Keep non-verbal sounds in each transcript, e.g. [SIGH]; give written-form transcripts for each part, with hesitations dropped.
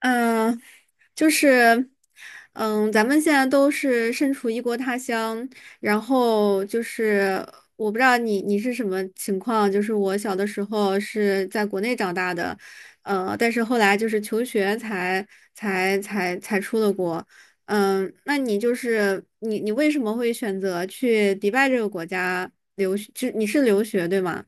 嗯，就是，咱们现在都是身处异国他乡，然后就是我不知道你是什么情况。就是我小的时候是在国内长大的，但是后来就是求学才出了国。那你就是你为什么会选择去迪拜这个国家留学？就你是留学对吗？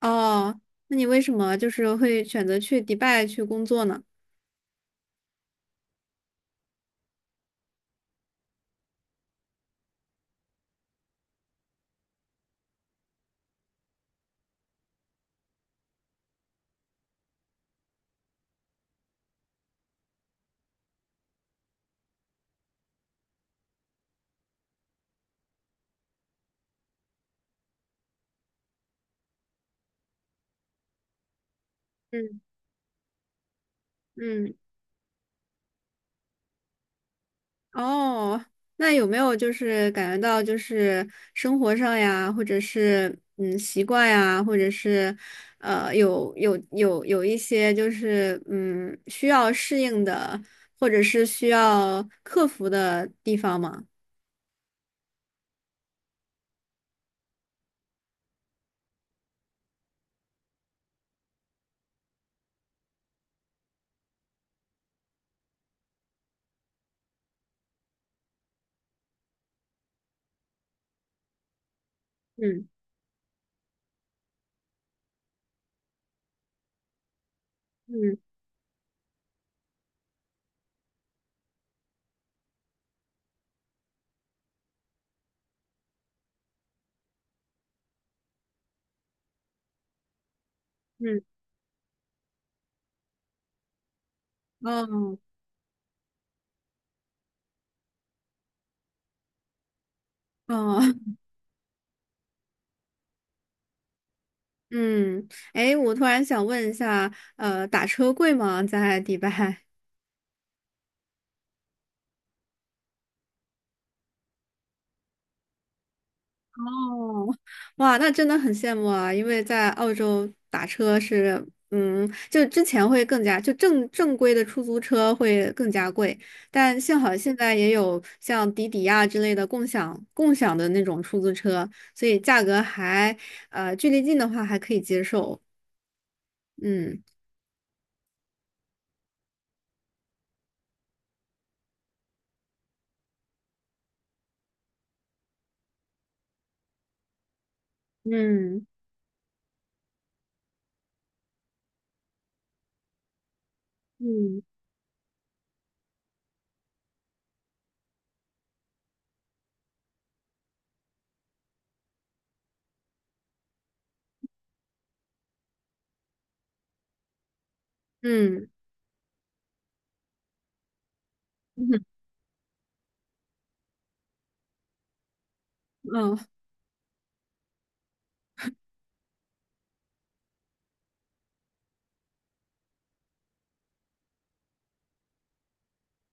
哦，那你为什么就是会选择去迪拜去工作呢？嗯嗯。哦，那有没有就是感觉到就是生活上呀，或者是习惯呀，或者是有一些就是需要适应的，或者是需要克服的地方吗？嗯嗯嗯，哦哦 [LAUGHS] 嗯，哎，我突然想问一下，打车贵吗？在迪拜？哦，哇，那真的很羡慕啊！因为在澳洲打车是，就之前会更加，就正规的出租车会更加贵，但幸好现在也有像滴滴呀之类的共享的那种出租车，所以价格还，距离近的话还可以接受。嗯嗯嗯嗯嗯，[LAUGHS] 嗯，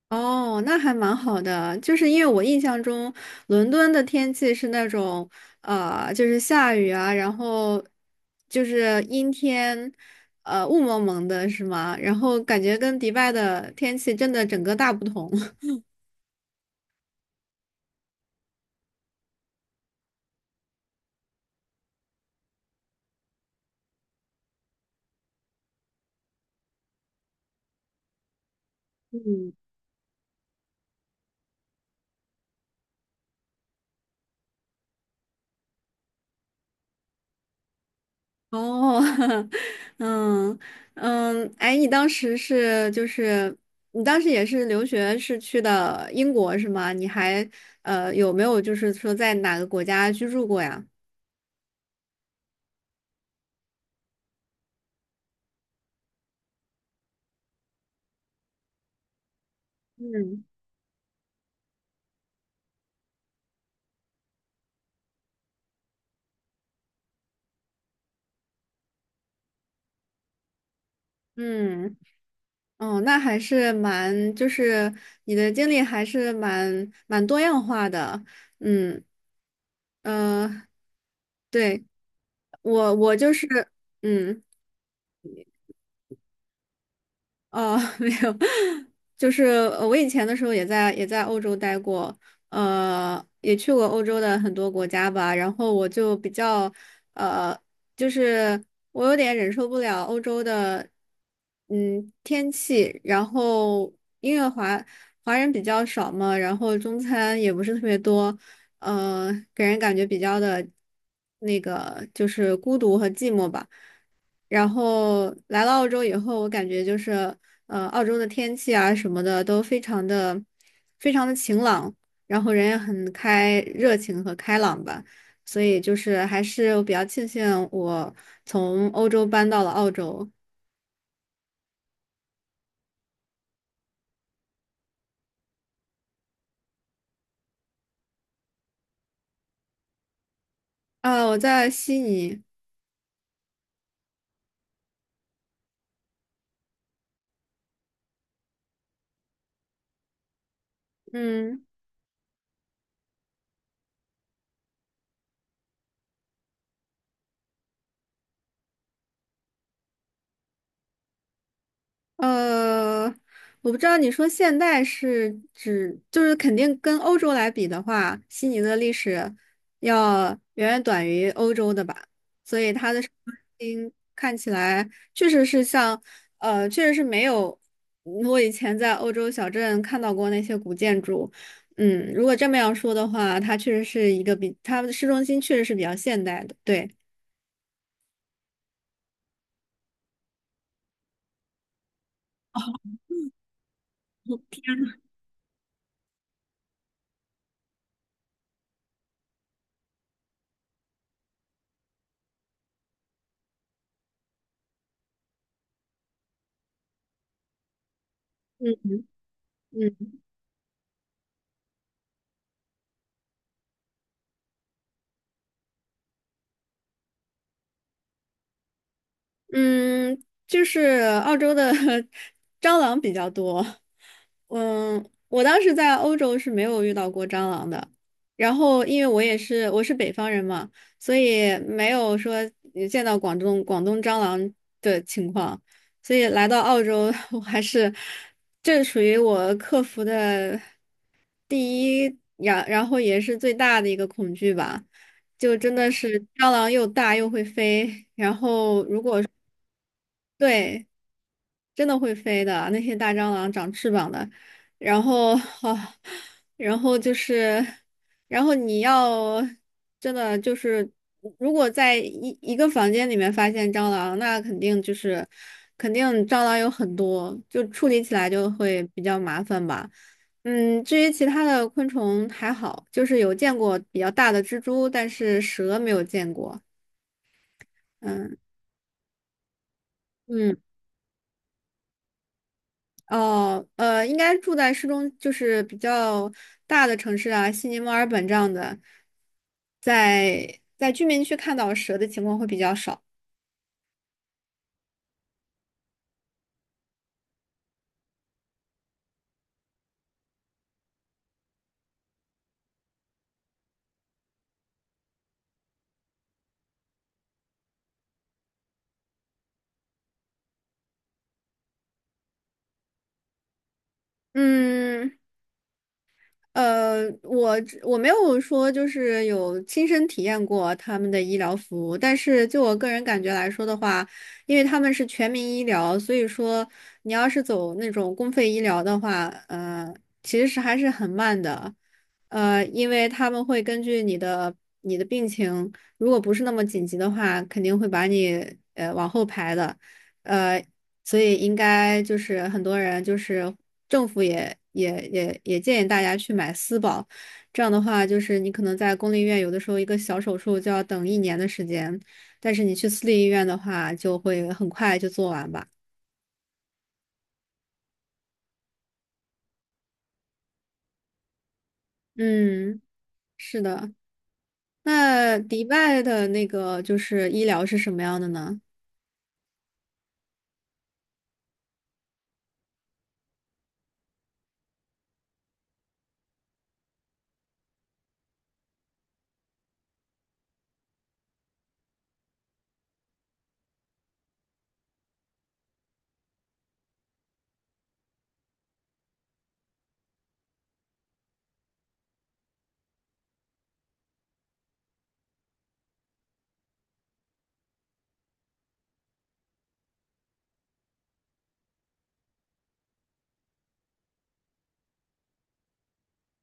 哦，那还蛮好的，就是因为我印象中伦敦的天气是那种，就是下雨啊，然后就是阴天，雾蒙蒙的，是吗？然后感觉跟迪拜的天气真的整个大不同。[LAUGHS] 嗯，哦，[LAUGHS] 嗯，哎，你当时也是留学是去的英国是吗？你还有没有就是说在哪个国家居住过呀？嗯。嗯，哦，那还是蛮，就是你的经历还是蛮多样化的。嗯，呃，对，我就是，嗯。哦，[LAUGHS] 没有，就是我以前的时候也在欧洲待过，也去过欧洲的很多国家吧。然后我就比较，呃，就是我有点忍受不了欧洲的，天气。然后因为华人比较少嘛，然后中餐也不是特别多，给人感觉比较的，那个就是孤独和寂寞吧。然后来了澳洲以后，我感觉就是，澳洲的天气啊什么的都非常的、非常的晴朗，然后人也很热情和开朗吧。所以就是还是我比较庆幸我从欧洲搬到了澳洲。啊，我在悉尼。嗯。呃，我不知道你说现代是指，就是肯定跟欧洲来比的话，悉尼的历史要远远短于欧洲的吧，所以它的市中心看起来确实是像，确实是没有我以前在欧洲小镇看到过那些古建筑。嗯，如果这么样说的话，它确实是一个比它的市中心确实是比较现代的，对。嗯嗯。嗯，就是澳洲的 [LAUGHS] 蟑螂比较多。我当时在欧洲是没有遇到过蟑螂的。然后，因为我是北方人嘛，所以没有说也见到广东蟑螂的情况。所以来到澳洲，[LAUGHS] 我还是这属于我克服的第一，然后也是最大的一个恐惧吧。就真的是蟑螂又大又会飞，然后如果对，真的会飞的，那些大蟑螂长翅膀的，然后啊，然后就是，然后你要真的就是，如果在一个房间里面发现蟑螂，那肯定就是，肯定蟑螂有很多，就处理起来就会比较麻烦吧。至于其他的昆虫还好，就是有见过比较大的蜘蛛，但是蛇没有见过。嗯嗯。哦，应该住在就是比较大的城市啊，悉尼、墨尔本这样的，在居民区看到蛇的情况会比较少。嗯，呃，我我没有说就是有亲身体验过他们的医疗服务，但是就我个人感觉来说的话，因为他们是全民医疗，所以说你要是走那种公费医疗的话，其实还是很慢的，因为他们会根据你的病情，如果不是那么紧急的话，肯定会把你往后排的。呃，所以应该就是很多人就是政府也建议大家去买私保，这样的话就是你可能在公立医院有的时候一个小手术就要等1年的时间，但是你去私立医院的话就会很快就做完吧。嗯，是的。那迪拜的那个就是医疗是什么样的呢？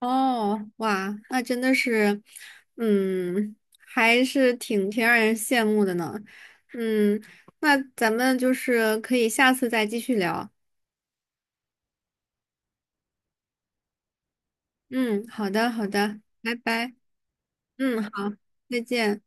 哦，哇，那真的是，嗯，还是挺让人羡慕的呢。嗯，那咱们就是可以下次再继续聊。嗯，好的，好的，拜拜。嗯，好，再见。